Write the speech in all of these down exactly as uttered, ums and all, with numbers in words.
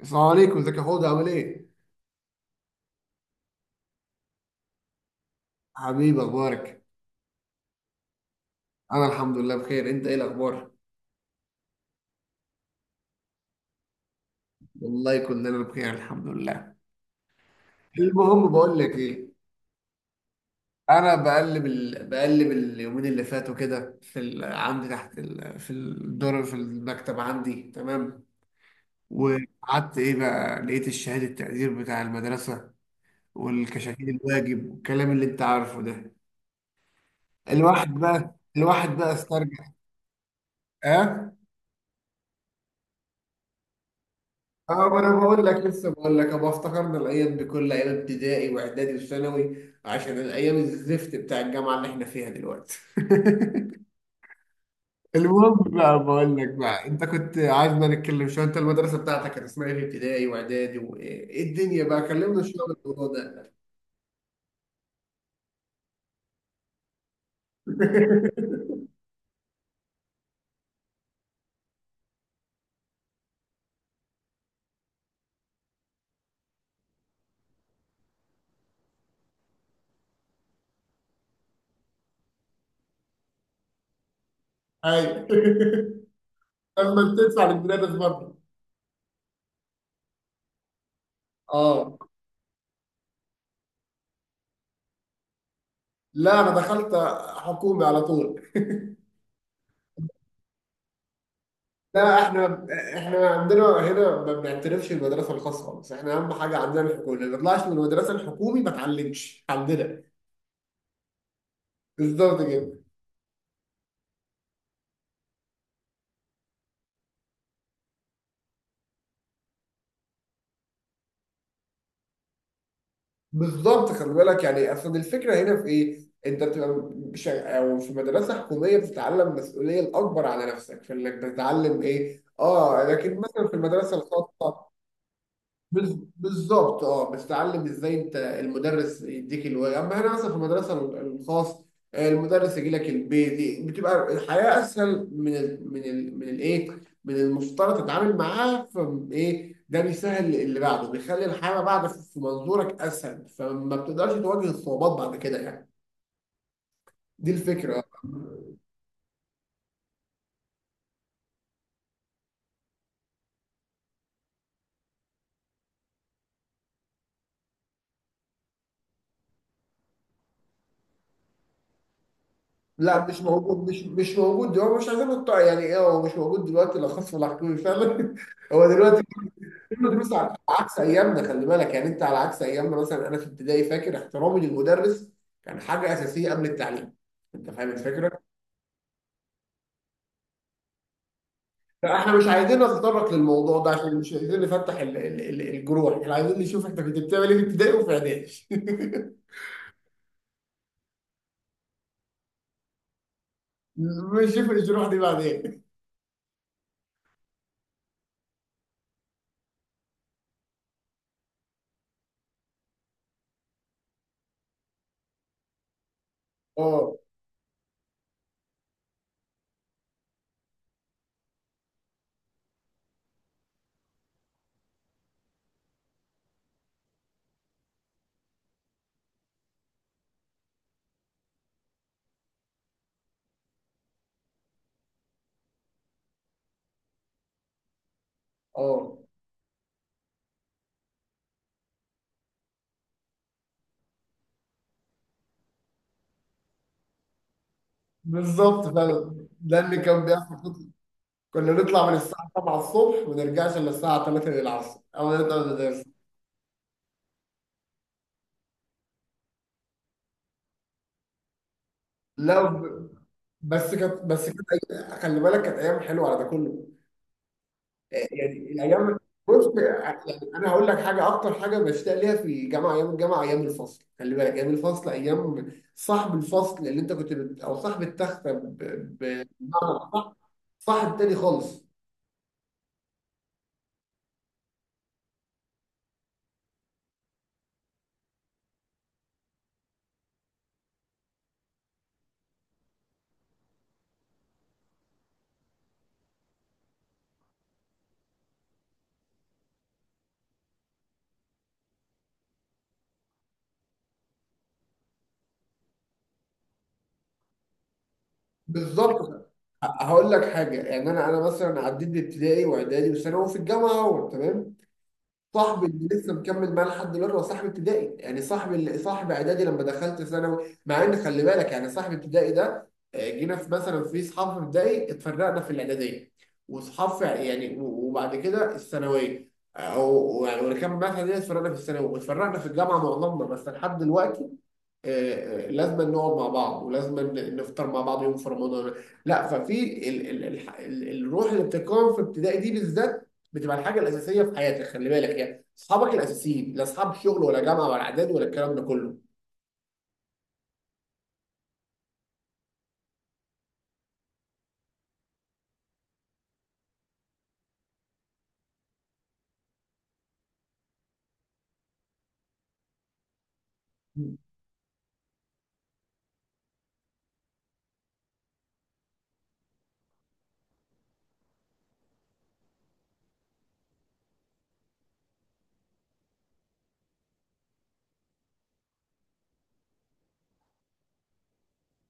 السلام عليكم، ازيك يا حوض؟ عامل ايه؟ حبيبي اخبارك؟ انا الحمد لله بخير. انت ايه الاخبار؟ والله كلنا بخير الحمد لله. المهم بقول لك ايه، انا بقلب ال... بقلب اليومين اللي فاتوا كده في ال... عندي تحت ال... في الدور في المكتب عندي، تمام. وقعدت ايه بقى، لقيت الشهادة التقدير بتاع المدرسة، والكشاكيل الواجب والكلام اللي انت عارفه ده. الواحد بقى الواحد بقى استرجع. اه. اه، ما انا بقول لك، لسه بقول لك ابقى افتكرنا الايام دي كلها، ايام ابتدائي واعدادي وثانوي، عشان الايام الزفت بتاع الجامعه اللي احنا فيها دلوقتي. المهم بقى، بقول لك بقى، انت كنت عايزنا نتكلم شويه، انت المدرسه بتاعتك كانت اسمها ايه في ابتدائي واعدادي، وايه إيه إيه الدنيا بقى، كلمنا شويه عن الموضوع ده. ايوه. لما بتدفع للمدرس برضه. اه. لا، انا دخلت حكومي على طول. لا احنا احنا عندنا هنا ما بنعترفش بالمدرسه الخاصه خالص، احنا اهم حاجه عندنا الحكومه، اللي ما طلعش من المدرسه الحكومي ما اتعلمش عندنا. بالظبط كده. بالظبط، خلي بالك يعني اصل الفكره هنا في ايه، انت بتبقى مش- او في مدرسه حكوميه بتتعلم مسؤوليه الاكبر على نفسك، في انك بتتعلم ايه، اه، لكن مثلا في المدرسه الخاصه، بز- بالظبط، اه، بتتعلم ازاي، انت المدرس يديك الواجب، اما هنا مثلا في المدرسه ال- الخاص آه، المدرس يجي لك البيت، بتبقى الحياه اسهل من ال من ال من الايه من المفترض تتعامل معاه، فايه ده بيسهل اللي بعده، بيخلي الحياه ما بعد في في منظورك اسهل، فما بتقدرش تواجه الصعوبات بعد كده يعني. دي الفكره آه. لا مش موجود مش مش موجود دلوقتي، مش عايزين نقطع يعني، ايه هو مش موجود دلوقتي لا خاص ولا حكومي فعلا. هو دلوقتي المدرسة على عكس ايامنا، خلي بالك يعني، انت على عكس ايامنا مثلا، انا في ابتدائي فاكر احترامي للمدرس كان حاجه اساسيه قبل التعليم. انت فاهم الفكره؟ لا احنا مش عايزين نتطرق للموضوع ده، عشان مش عايزين نفتح ال- ال- ال- الجروح، احنا عايزين نشوف انت كنت بتعمل ايه في ابتدائي وفي اعدادي. نشوف الجروح دي بعدين. اه. اه، بالظبط فعلا ده اللي كان بيحصل. كنا نطلع من الساعه سبعة الصبح وما نرجعش الا الساعه تلاتة العصر، او نطلع من المدرسة. لا ب- بس كانت بس كانت أي- خلي بالك كانت ايام حلوه على ده كله يعني. الايام، بص يعني انا هقول لك حاجه، اكتر حاجه بشتاق ليها في جامعه، ايام الجامعه، ايام الفصل خلي بالك، ايام الفصل، ايام صاحب الفصل اللي انت كنت بت... او صاحب التخته ب... ب... صاحب تاني خالص. بالظبط. ه- هقول لك حاجه يعني، انا انا مثلا عديت بابتدائي واعدادي وثانوي، وفي الجامعه اهو تمام، صاحبي اللي لسه مكمل معاه لحد دلوقتي هو صاحب ابتدائي، يعني صاحب اللي صاحب اعدادي لما دخلت ثانوي، مع ان خلي بالك يعني صاحب ابتدائي ده آه، جينا في مثلا في اصحاب في ابتدائي، اتفرقنا في الاعداديه، واصحاب في يعني و- وبعد كده الثانويه، او يعني واللي كان معايا في الاعداديه اتفرقنا في الثانوي، واتفرقنا في الجامعه معظمنا، بس لحد دلوقتي آه، لازم نقعد مع بعض، ولازم نفطر مع بعض يوم في رمضان. لا ففي ال ال ال ال الروح اللي بتتكون في ابتدائي دي بالذات بتبقى الحاجه الاساسيه في حياتك، خلي بالك يعني اصحابك الاساسيين، لا اصحاب شغل ولا جامعه ولا اعداد ولا الكلام ده كله.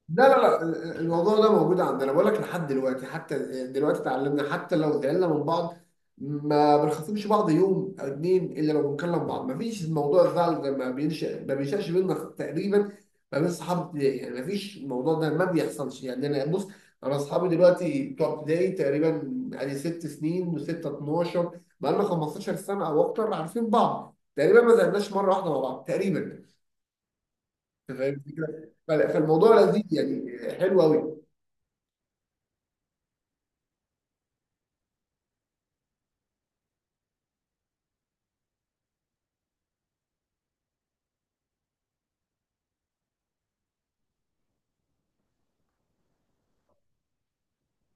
لا لا لا الموضوع ده موجود عندنا، بقول لك لحد دلوقتي حتى دلوقتي اتعلمنا، حتى لو زعلنا من بعض ما بنخاصمش بعض يوم او اتنين الا لو بنكلم بعض، ما فيش موضوع الزعل ده، ما بينشأ ما بينشأش بينا تقريبا، ما بين صحاب ابتدائي يعني، ما فيش الموضوع ده ما بيحصلش يعني. انا بص، انا اصحابي دلوقتي بتوع ابتدائي تقريبا يعني ست سنين وستة، اتناشر بقى لنا، 15 سنة او اكتر عارفين بعض تقريبا، ما زعلناش مرة واحدة مع بعض تقريبا. أنت فاهم الفكرة؟ فالموضوع لذيذ يعني حلو قوي.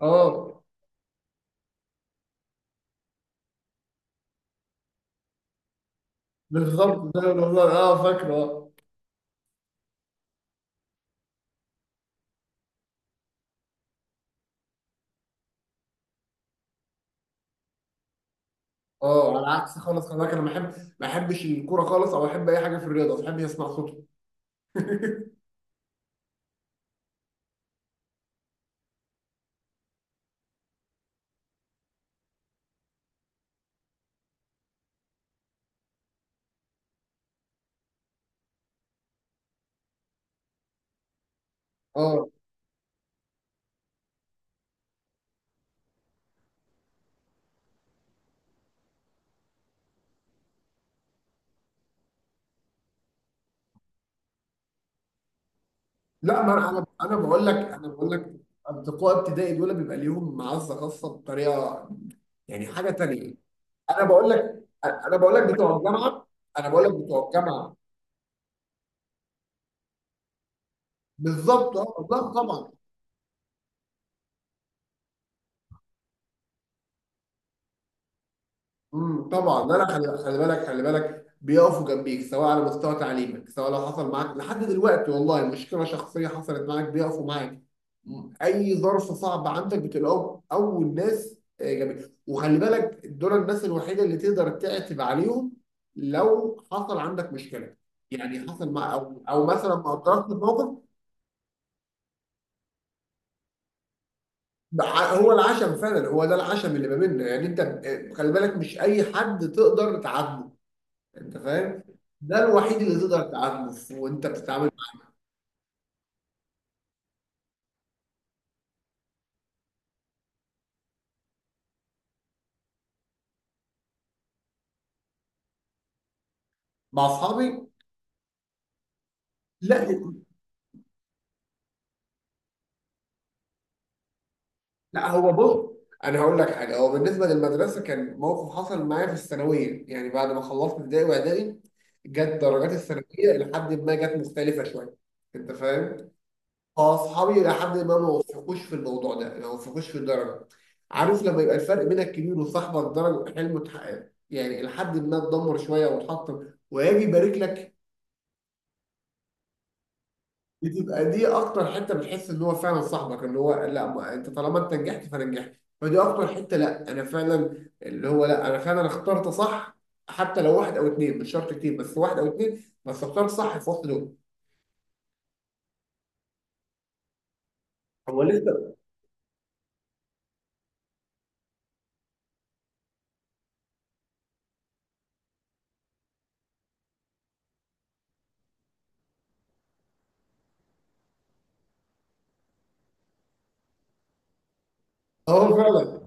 اه. بالظبط، ده والله اه فاكره. اه، على عكس خالص خلي بالك، انا ما بحب، ما بحبش الكوره خالص، او احب اي حاجه في الرياضه، ما بحبش اسمع صوته. اه. لا ما انا انا أنا بقول لك، انا بقول لك اصدقاء ابتدائي دول بيبقى ليهم معزه خاصه بطريقه، يعني حاجه تانيه. انا بقول لك، انا بقول لك بتوع الجامعه. انا بقول لك بتوع الجامعه. بالظبط اه، لا طبعا. امم طبعا ده انا خلي خلي بالك خلي بالك بيقفوا جنبيك، سواء على مستوى تعليمك، سواء لو حصل معاك لحد دلوقتي والله مشكله شخصيه حصلت معاك بيقفوا معاك. م- اي ظرف صعب عندك بتلاقوهم اول ناس آه، جنبيك، وخلي بالك دول الناس الوحيده اللي تقدر تعتب عليهم لو حصل عندك مشكله، يعني حصل مع او او مثلا ما اقترفت موقف. بع- هو العشم فعلا هو ده العشم اللي ما بيننا يعني، انت آه، خلي بالك مش اي حد تقدر تعاتبه. انت فاهم، ده الوحيد اللي تقدر تعامله في- وانت بتتعامل مع اصحابي. لا لا هو بص، انا هقول لك حاجه، هو بالنسبه للمدرسه كان موقف حصل معايا في الثانويه، يعني بعد ما خلصت ابتدائي واعدادي جت درجات الثانويه، لحد ما جت مختلفه شويه. انت فاهم؟ فاصحابي لحد ما ما وفقوش في الموضوع ده، ما وفقوش في الدرجه. عارف لما يبقى الفرق بينك كبير، وصاحبك درجه حلمه اتحقق، يعني لحد ما اتدمر شويه واتحطم، ويجي يبارك لك، بتبقى دي اكتر حته بتحس ان هو فعلا صاحبك، اللي هو لا ما انت طالما انت نجحت فانا نجحت. فدي اكتر حته، لا انا فعلا، اللي هو لا انا فعلا اخترت صح، حتى لو واحد او اتنين مش شرط كتير، بس واحد او اتنين بس اخترت صح في وسط دول. هو لسه. هو فعلا.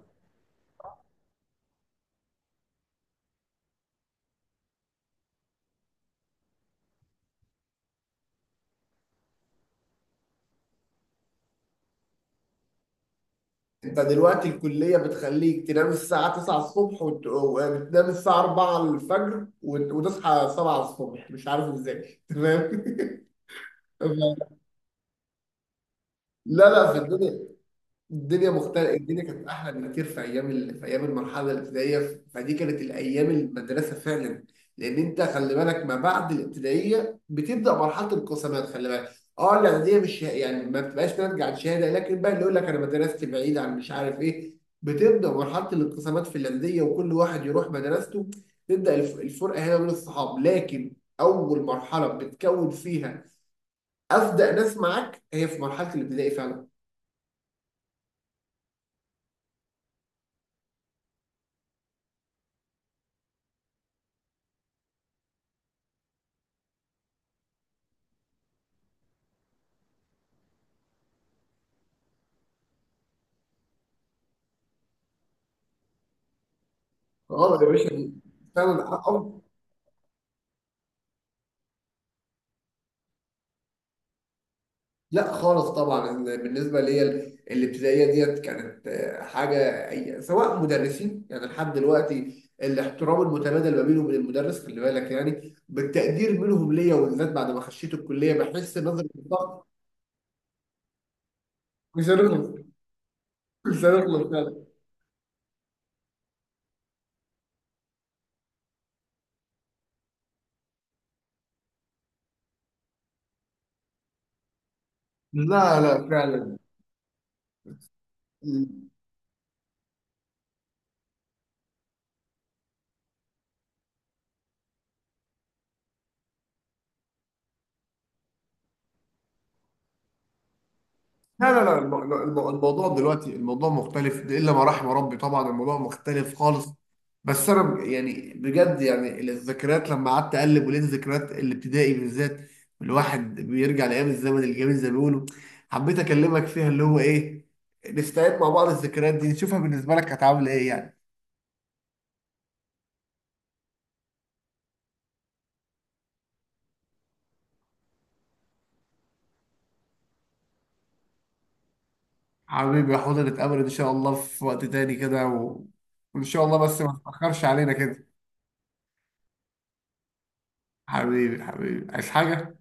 انت دلوقتي الكليه بتخليك تنام الساعه تسعة الصبح وت- وتنام الساعه اربعة الفجر وت- وتصحى سبعة الصبح مش عارف ازاي. تمام. لا لا في الدنيا، الدنيا مختلفة، الدنيا كانت أحلى بكتير في أيام ال... في أيام المرحلة الابتدائية، فدي كانت الأيام المدرسة فعلا. لأن أنت خلي بالك ما بعد الابتدائية بتبدأ مرحلة القسمات، خلي بالك أه الإعدادية، مش يعني ما بتبقاش ناتجة عن شهادة، لكن بقى اللي يقول لك أنا مدرستي بعيدة عن مش عارف إيه، بتبدأ مرحلة الانقسامات في الإعدادية، وكل واحد يروح مدرسته، تبدأ الف... الفرقة هنا من الصحاب، لكن أول مرحلة بتكون فيها أصدق ناس معاك هي في مرحلة الابتدائي فعلا. اه يا باشا. فعلا أو. لا خالص طبعا، إن بالنسبه ليا ال- الابتدائيه ديت كانت آه، حاجه أي- سواء مدرسين، يعني لحد دلوقتي الاحترام المتبادل ما بيني وبين المدرس خلي بالك يعني، بالتقدير منهم ليا، وبالذات بعد ما خشيت الكليه بحس نظره الضغط. مش هنخلص. مش هنخلص فعلا. لا لا فعلا. لا لا لا الم- الم- الموضوع دلوقتي الموضوع مختلف، ده الا ما رحم ربي طبعا، الموضوع مختلف خالص. بس انا ب- يعني بجد يعني، الذكريات لما قعدت اقلب ولقيت ذكريات الابتدائي بالذات، الواحد بيرجع لايام الزمن الجميل زي ما بيقولوا، حبيت اكلمك فيها، اللي هو ايه، نستعيد مع بعض الذكريات دي، نشوفها بالنسبه لك كانت عامله ايه يعني. حبيبي يا حوض، نتقابل ان شاء الله في وقت تاني كده و... وان شاء الله بس ما تتاخرش علينا كده. حبيبي، حبيبي، عايز حاجه؟